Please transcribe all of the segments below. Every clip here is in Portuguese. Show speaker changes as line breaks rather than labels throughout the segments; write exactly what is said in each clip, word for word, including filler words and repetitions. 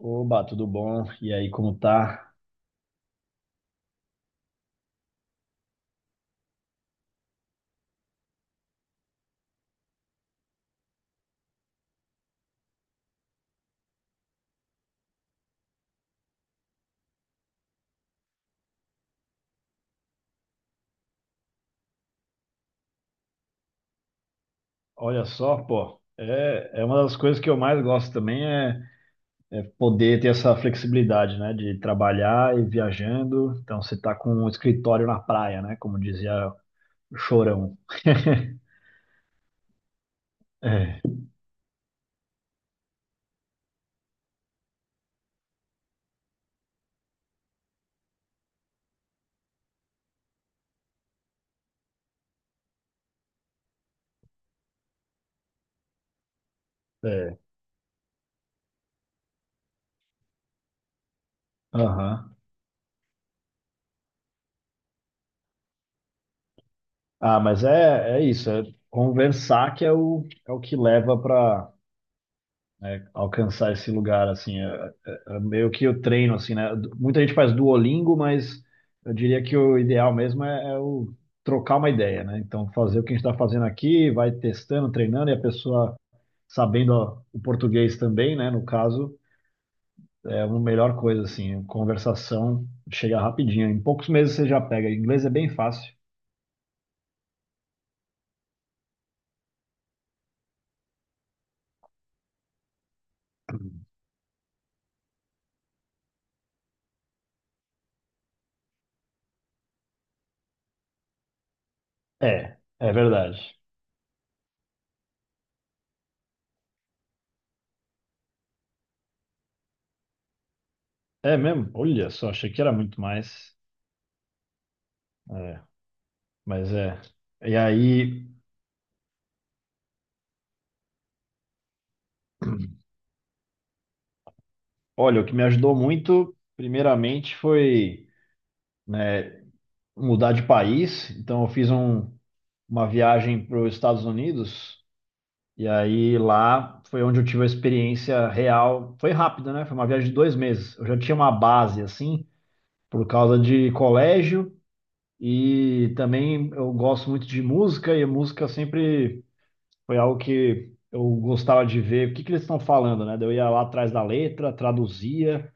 Oba, tudo bom? E aí, como tá? Olha só, pô, é, é uma das coisas que eu mais gosto também é, é poder ter essa flexibilidade, né, de trabalhar e viajando. Então, você tá com um escritório na praia, né, como dizia o Chorão. É, é, aham. Ah, mas é, é isso, é conversar que é o, é o que leva para, né, alcançar esse lugar, assim, é, é- é meio que eu treino, assim, né. Du- muita gente faz Duolingo, mas eu diria que o ideal mesmo é, é o trocar uma ideia, né, então fazer o que a gente está fazendo aqui, vai testando, treinando, e a pessoa sabendo, ó, o português também, né, no caso, é uma melhor coisa, assim. Conversação chega rapidinho, em poucos meses você já pega, inglês é bem fácil. É, é verdade. É mesmo? Olha só, achei que era muito mais. É, mas é. E aí, olha, o que me ajudou muito, primeiramente, foi, né, mudar de país. Então, eu fiz um- uma viagem para os Estados Unidos, e aí lá foi onde eu tive a experiência real. Foi rápida, né? Foi uma viagem de dois meses. Eu já tinha uma base, assim, por causa de colégio, e também eu gosto muito de música, e a música sempre foi algo que eu gostava de ver o que que eles estão falando, né? Daí eu ia lá atrás da letra, traduzia.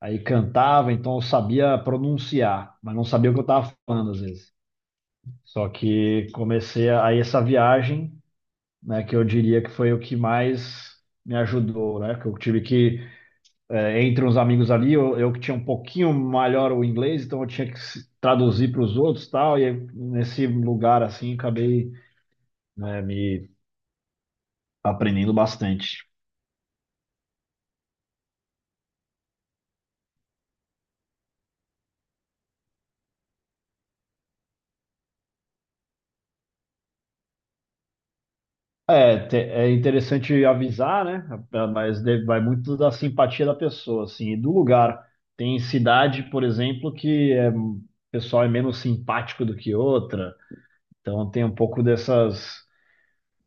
Aí cantava, então eu sabia pronunciar, mas não sabia o que eu estava falando às vezes. Só que comecei a, aí essa viagem, né, que eu diria que foi o que mais me ajudou, né? Que eu tive que, eh, entre uns amigos ali, eu, eu que tinha um pouquinho melhor o inglês, então eu tinha que se- traduzir para os outros e tal, e aí, nesse lugar assim, acabei, né, me aprendendo bastante. É, te- é interessante avisar, né? Mas deve- vai muito da simpatia da pessoa, assim, e do lugar. Tem cidade, por exemplo, que é, o pessoal é menos simpático do que outra. Então tem um pouco dessas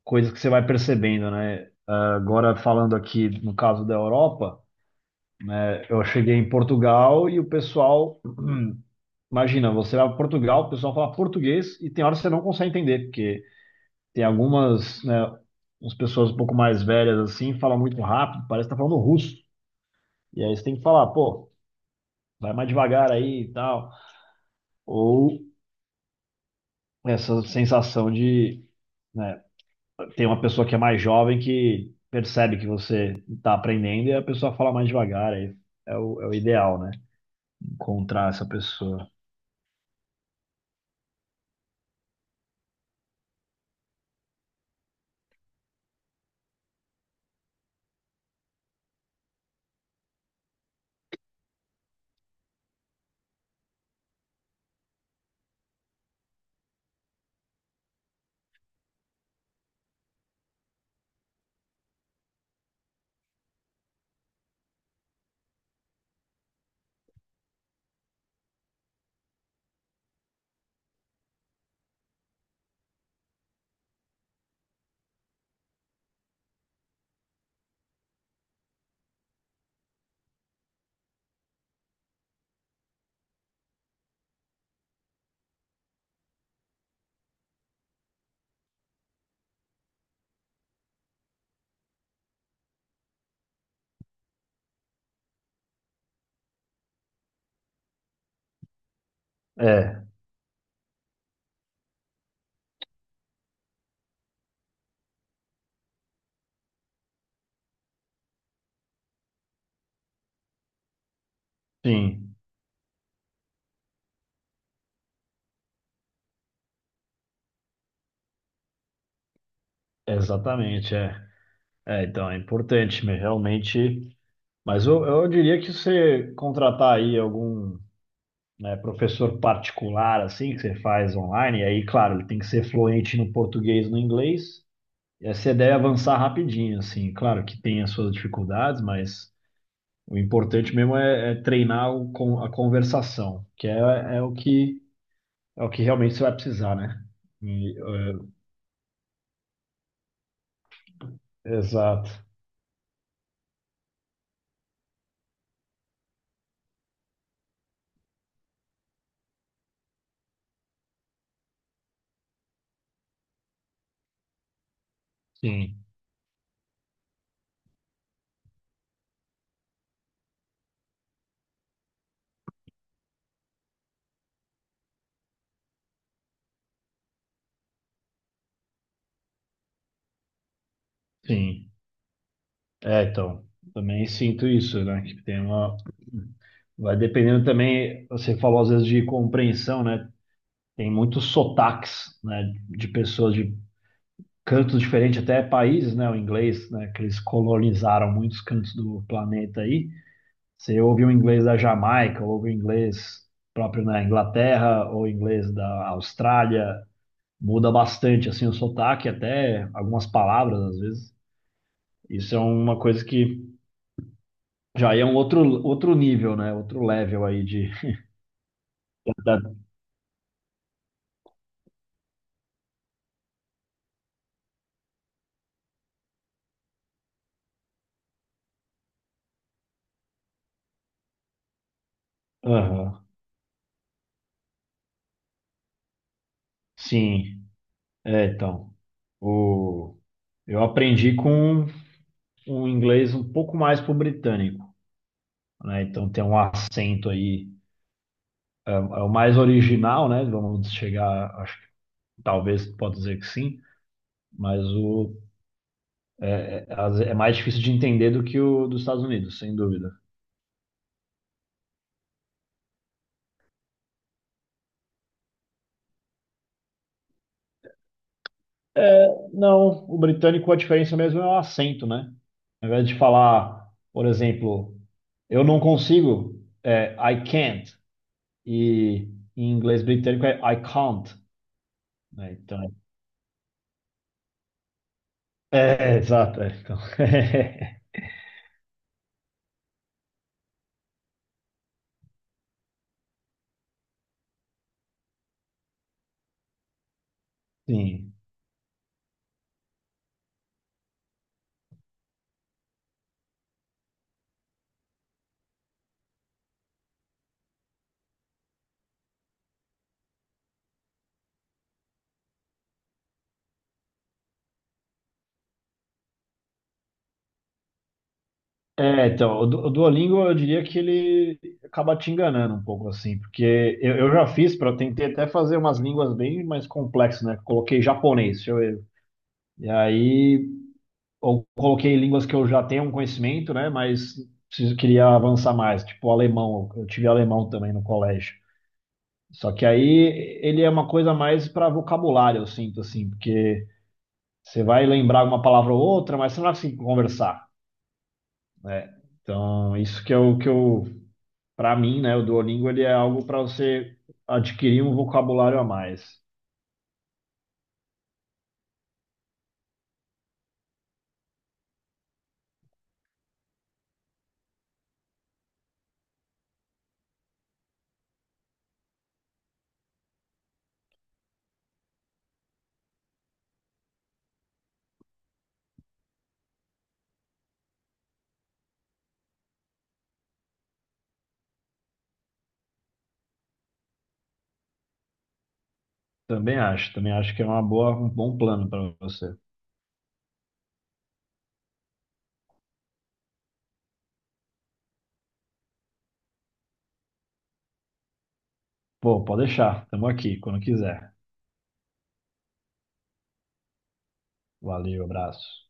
coisas que você vai percebendo, né? Agora falando aqui no caso da Europa, eu cheguei em Portugal e o pessoal, imagina, você vai para Portugal, o pessoal fala português e tem horas que você não consegue entender, porque tem algumas, né, as pessoas um pouco mais velhas assim, falam muito rápido, parece que tá falando russo. E aí você tem que falar, pô, vai mais devagar aí e tal. Ou essa sensação de, né, tem uma pessoa que é mais jovem que percebe que você tá aprendendo e a pessoa fala mais devagar. Aí é o, é o ideal, né? Encontrar essa pessoa. É, sim, exatamente, é. É, então é importante, mas realmente. Mas eu, eu diria que você contratar aí algum, né, professor particular, assim, que você faz online, e aí, claro, ele tem que ser fluente no português e no inglês, e aí você deve avançar rapidinho, assim, claro que tem as suas dificuldades, mas o importante mesmo é, é treinar o, con- a conversação, que é, é o que é o que realmente você vai precisar, né? E, é, exato. Sim, sim. É, então, também sinto isso, né? Que tem uma. Vai dependendo também, você falou às vezes de compreensão, né? Tem muitos sotaques, né, de pessoas de cantos diferentes, até países, né, o inglês, né, que eles colonizaram muitos cantos do planeta aí. Você ouve o inglês da Jamaica, ouve o inglês próprio na Inglaterra, ou inglês da Austrália, muda bastante, assim, o sotaque, até algumas palavras, às vezes. Isso é uma coisa que já é um outro, outro nível, né, outro level aí de... da- aham. Sim, é, então, o... eu aprendi com um inglês um pouco mais pro britânico, né? Então tem um acento aí, é, é o mais original, né? Vamos chegar, acho, talvez pode dizer que sim, mas o é mais difícil de entender do que o dos Estados Unidos, sem dúvida. É, não, o britânico a diferença mesmo é o acento, né? Ao invés de falar, por exemplo, eu não consigo, é I can't, e em inglês britânico é I can't, né? Então, é, exato, é, então, sim. É, então, o Du- o Duolingo eu diria que ele acaba te enganando um pouco assim, porque eu, eu já fiz para tentei até fazer umas línguas bem mais complexas, né? Coloquei japonês, deixa eu ver. E aí, ou coloquei línguas que eu já tenho um conhecimento, né? Mas preciso, queria avançar mais, tipo alemão, eu tive alemão também no colégio. Só que aí ele é uma coisa mais para vocabulário, eu sinto assim, porque você vai lembrar uma palavra ou outra, mas você não vai conseguir conversar, né? Então, isso que é o que eu, para mim, né, o Duolingo ele é algo para você adquirir um vocabulário a mais. Também acho, também acho que é uma boa, um bom plano para você. Pô, pode deixar, estamos aqui quando quiser. Valeu, abraço.